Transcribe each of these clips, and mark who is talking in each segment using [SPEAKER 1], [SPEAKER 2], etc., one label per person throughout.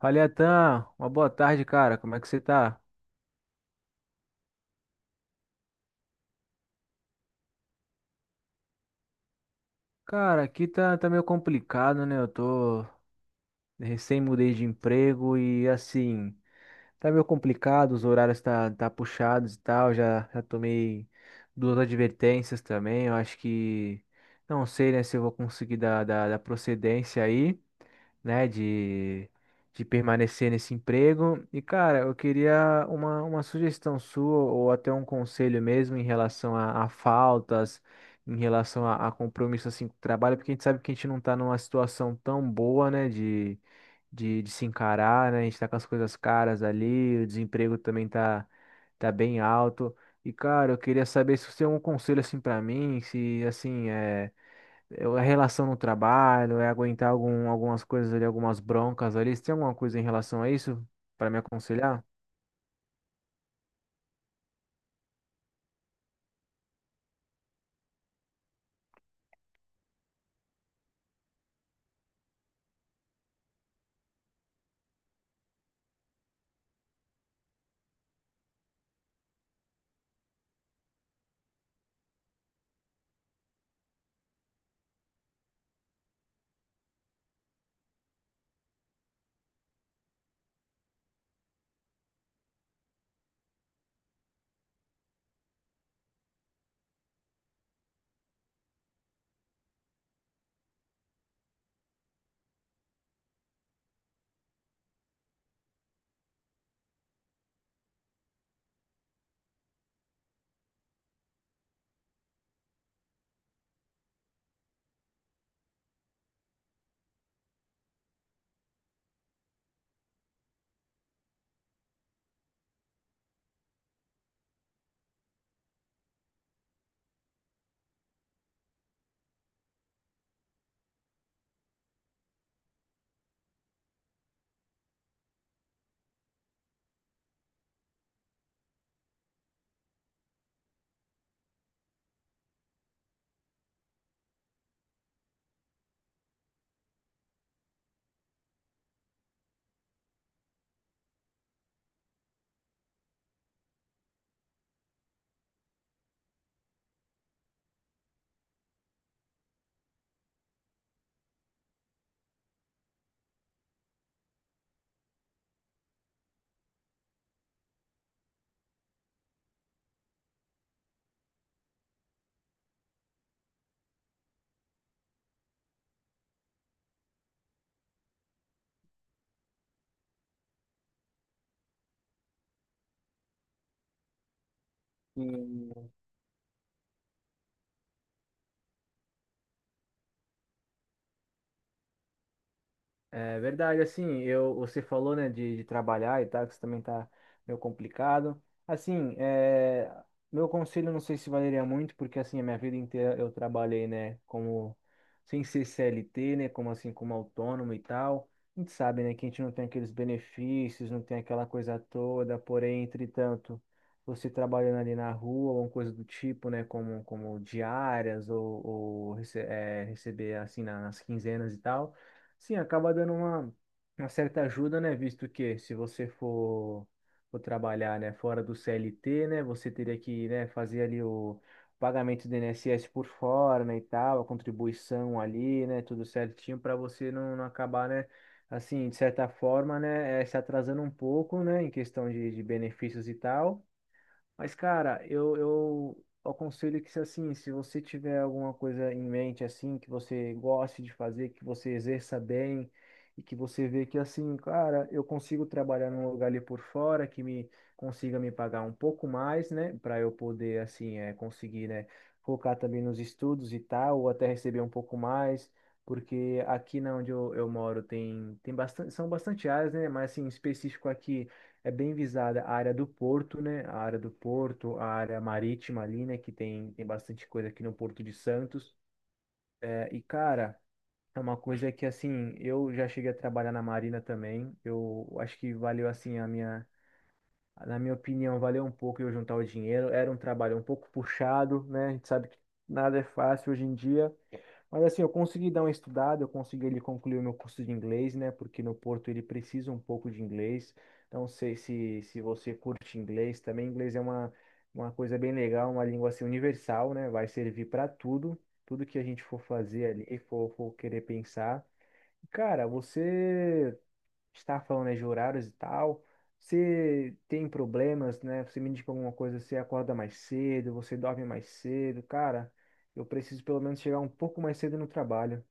[SPEAKER 1] Fala, Iatan. Uma boa tarde, cara. Como é que você tá? Cara, aqui tá meio complicado, né? Eu tô recém mudei de emprego e assim, tá meio complicado, os horários tá puxados e tal. Já tomei duas advertências também. Eu acho que não sei, né, se eu vou conseguir dar procedência aí, né, de permanecer nesse emprego. E, cara, eu queria uma sugestão sua ou até um conselho mesmo em relação a faltas, em relação a compromisso assim com o trabalho, porque a gente sabe que a gente não tá numa situação tão boa, né, de se encarar, né? A gente tá com as coisas caras ali, o desemprego também tá bem alto. E, cara, eu queria saber se você tem um conselho assim pra mim, se assim, é a relação no trabalho, é aguentar algumas coisas ali, algumas broncas ali. Você tem alguma coisa em relação a isso pra me aconselhar? É verdade, assim, eu, você falou, né, de trabalhar e tal, que isso também tá meio complicado. Assim, é, meu conselho não sei se valeria muito, porque assim, a minha vida inteira eu trabalhei, né, como, sem ser CLT, né, como assim, como autônomo e tal. A gente sabe, né, que a gente não tem aqueles benefícios, não tem aquela coisa toda, porém, entretanto, você trabalhando ali na rua, ou coisa do tipo, né, como, como diárias, ou receber, assim, nas quinzenas e tal. Sim, acaba dando uma certa ajuda, né? Visto que se você for, for trabalhar, né, fora do CLT, né, você teria que, né, fazer ali o pagamento do INSS por fora, né, e tal, a contribuição ali, né, tudo certinho para você não, não acabar, né, assim, de certa forma, né, se atrasando um pouco, né, em questão de benefícios e tal. Mas, cara, eu aconselho que, se assim, se você tiver alguma coisa em mente, assim, que você goste de fazer, que você exerça bem e que você vê que, assim, cara, eu consigo trabalhar num lugar ali por fora que me consiga me pagar um pouco mais, né, para eu poder, assim, é, conseguir, né, focar também nos estudos e tal, ou até receber um pouco mais. Porque aqui na onde eu moro tem, tem bastante, são bastante áreas, né? Mas assim, em específico aqui é bem visada a área do porto, né? A área do porto, a área marítima ali, né? Que tem, tem bastante coisa aqui no Porto de Santos. É, e, cara, é uma coisa que, assim, eu já cheguei a trabalhar na Marina também. Eu acho que valeu, assim, a minha. Na minha opinião, valeu um pouco eu juntar o dinheiro. Era um trabalho um pouco puxado, né? A gente sabe que nada é fácil hoje em dia. Mas assim, eu consegui dar uma estudada, eu consegui ele concluir o meu curso de inglês, né? Porque no Porto ele precisa um pouco de inglês. Então, não sei se, se você curte inglês também. Inglês é uma coisa bem legal, uma língua assim, universal, né? Vai servir para tudo, tudo que a gente for fazer ali, for, for querer pensar. Cara, você está falando, né, de horários e tal. Você tem problemas, né? Você me indica alguma coisa, você acorda mais cedo, você dorme mais cedo. Cara, eu preciso pelo menos chegar um pouco mais cedo no trabalho.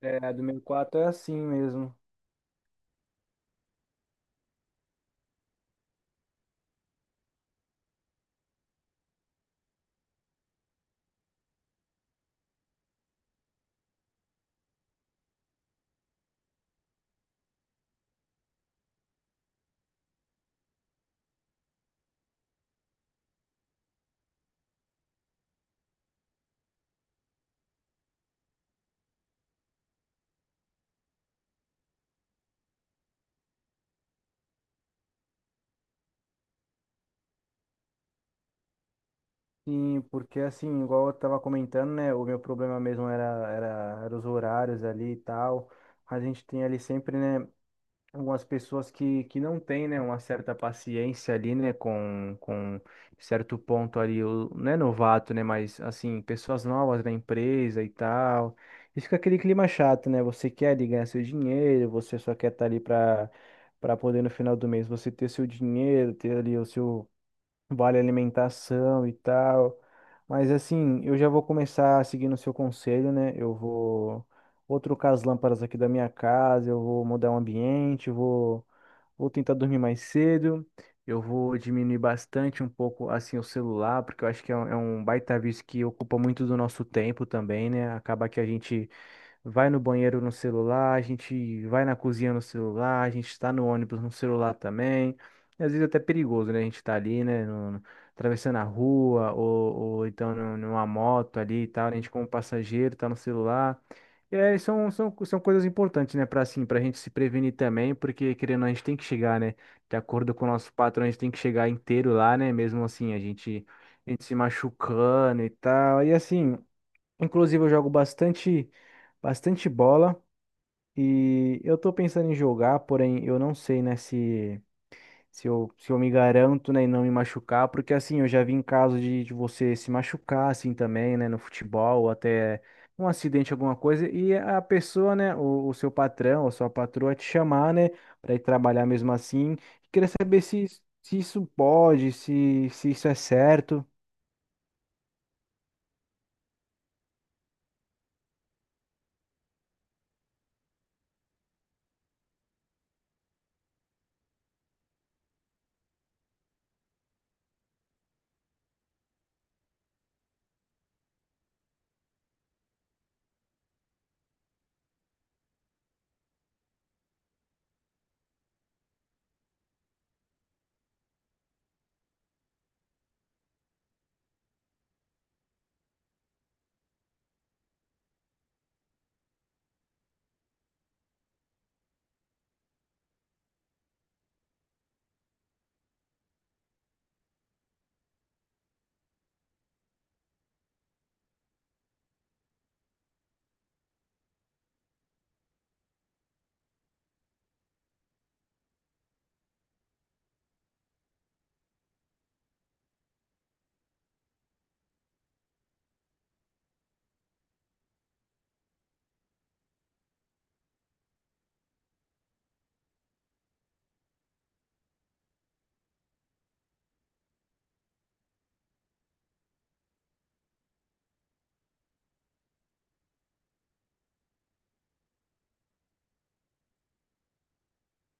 [SPEAKER 1] É, do meu quarto é assim mesmo. Sim, porque assim, igual eu tava comentando, né? O meu problema mesmo era os horários ali e tal. A gente tem ali sempre, né? Algumas pessoas que não têm, né, uma certa paciência ali, né, com certo ponto ali, não é novato, né, mas assim, pessoas novas na empresa e tal. E fica aquele clima chato, né? Você quer ali ganhar seu dinheiro, você só quer estar ali para para poder no final do mês você ter seu dinheiro, ter ali o seu vale alimentação e tal. Mas assim, eu já vou começar seguindo o seu conselho, né? Eu vou, vou trocar as lâmpadas aqui da minha casa, eu vou mudar o ambiente, eu vou, vou tentar dormir mais cedo, eu vou diminuir bastante um pouco assim o celular, porque eu acho que é um baita vício que ocupa muito do nosso tempo também, né? Acaba que a gente vai no banheiro no celular, a gente vai na cozinha no celular, a gente está no ônibus no celular também. E às vezes é até perigoso, né? A gente tá ali, né? Atravessando a rua, ou então numa moto ali e tal, a gente como passageiro tá no celular. E aí são coisas importantes, né? Para assim, para a gente se prevenir também, porque querendo, ou não, a gente tem que chegar, né? De acordo com o nosso patrão, a gente tem que chegar inteiro lá, né? Mesmo assim, a gente se machucando e tal. E assim. Inclusive, eu jogo bastante, bastante bola e eu tô pensando em jogar, porém eu não sei, né, se, se eu me garanto, né, em não me machucar, porque assim, eu já vi em caso de você se machucar, assim, também, né, no futebol, ou até um acidente, alguma coisa, e a pessoa, né, o seu patrão ou sua patroa te chamar, né, pra ir trabalhar mesmo assim. Queria saber se, se isso pode, se isso é certo.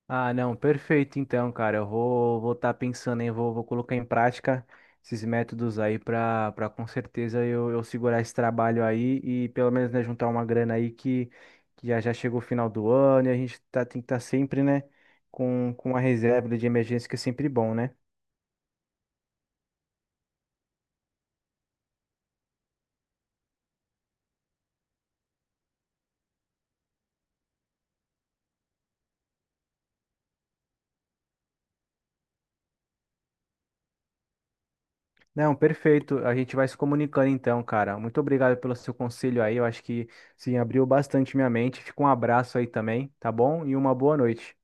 [SPEAKER 1] Ah, não, perfeito então, cara. Eu vou estar pensando em vou colocar em prática esses métodos aí para para com certeza eu segurar esse trabalho aí e pelo menos, né, juntar uma grana aí que já chegou o final do ano e a gente tá tem que estar sempre, né, com uma reserva de emergência que é sempre bom, né? Não, perfeito. A gente vai se comunicando então, cara. Muito obrigado pelo seu conselho aí. Eu acho que sim, abriu bastante minha mente. Fica um abraço aí também, tá bom? E uma boa noite.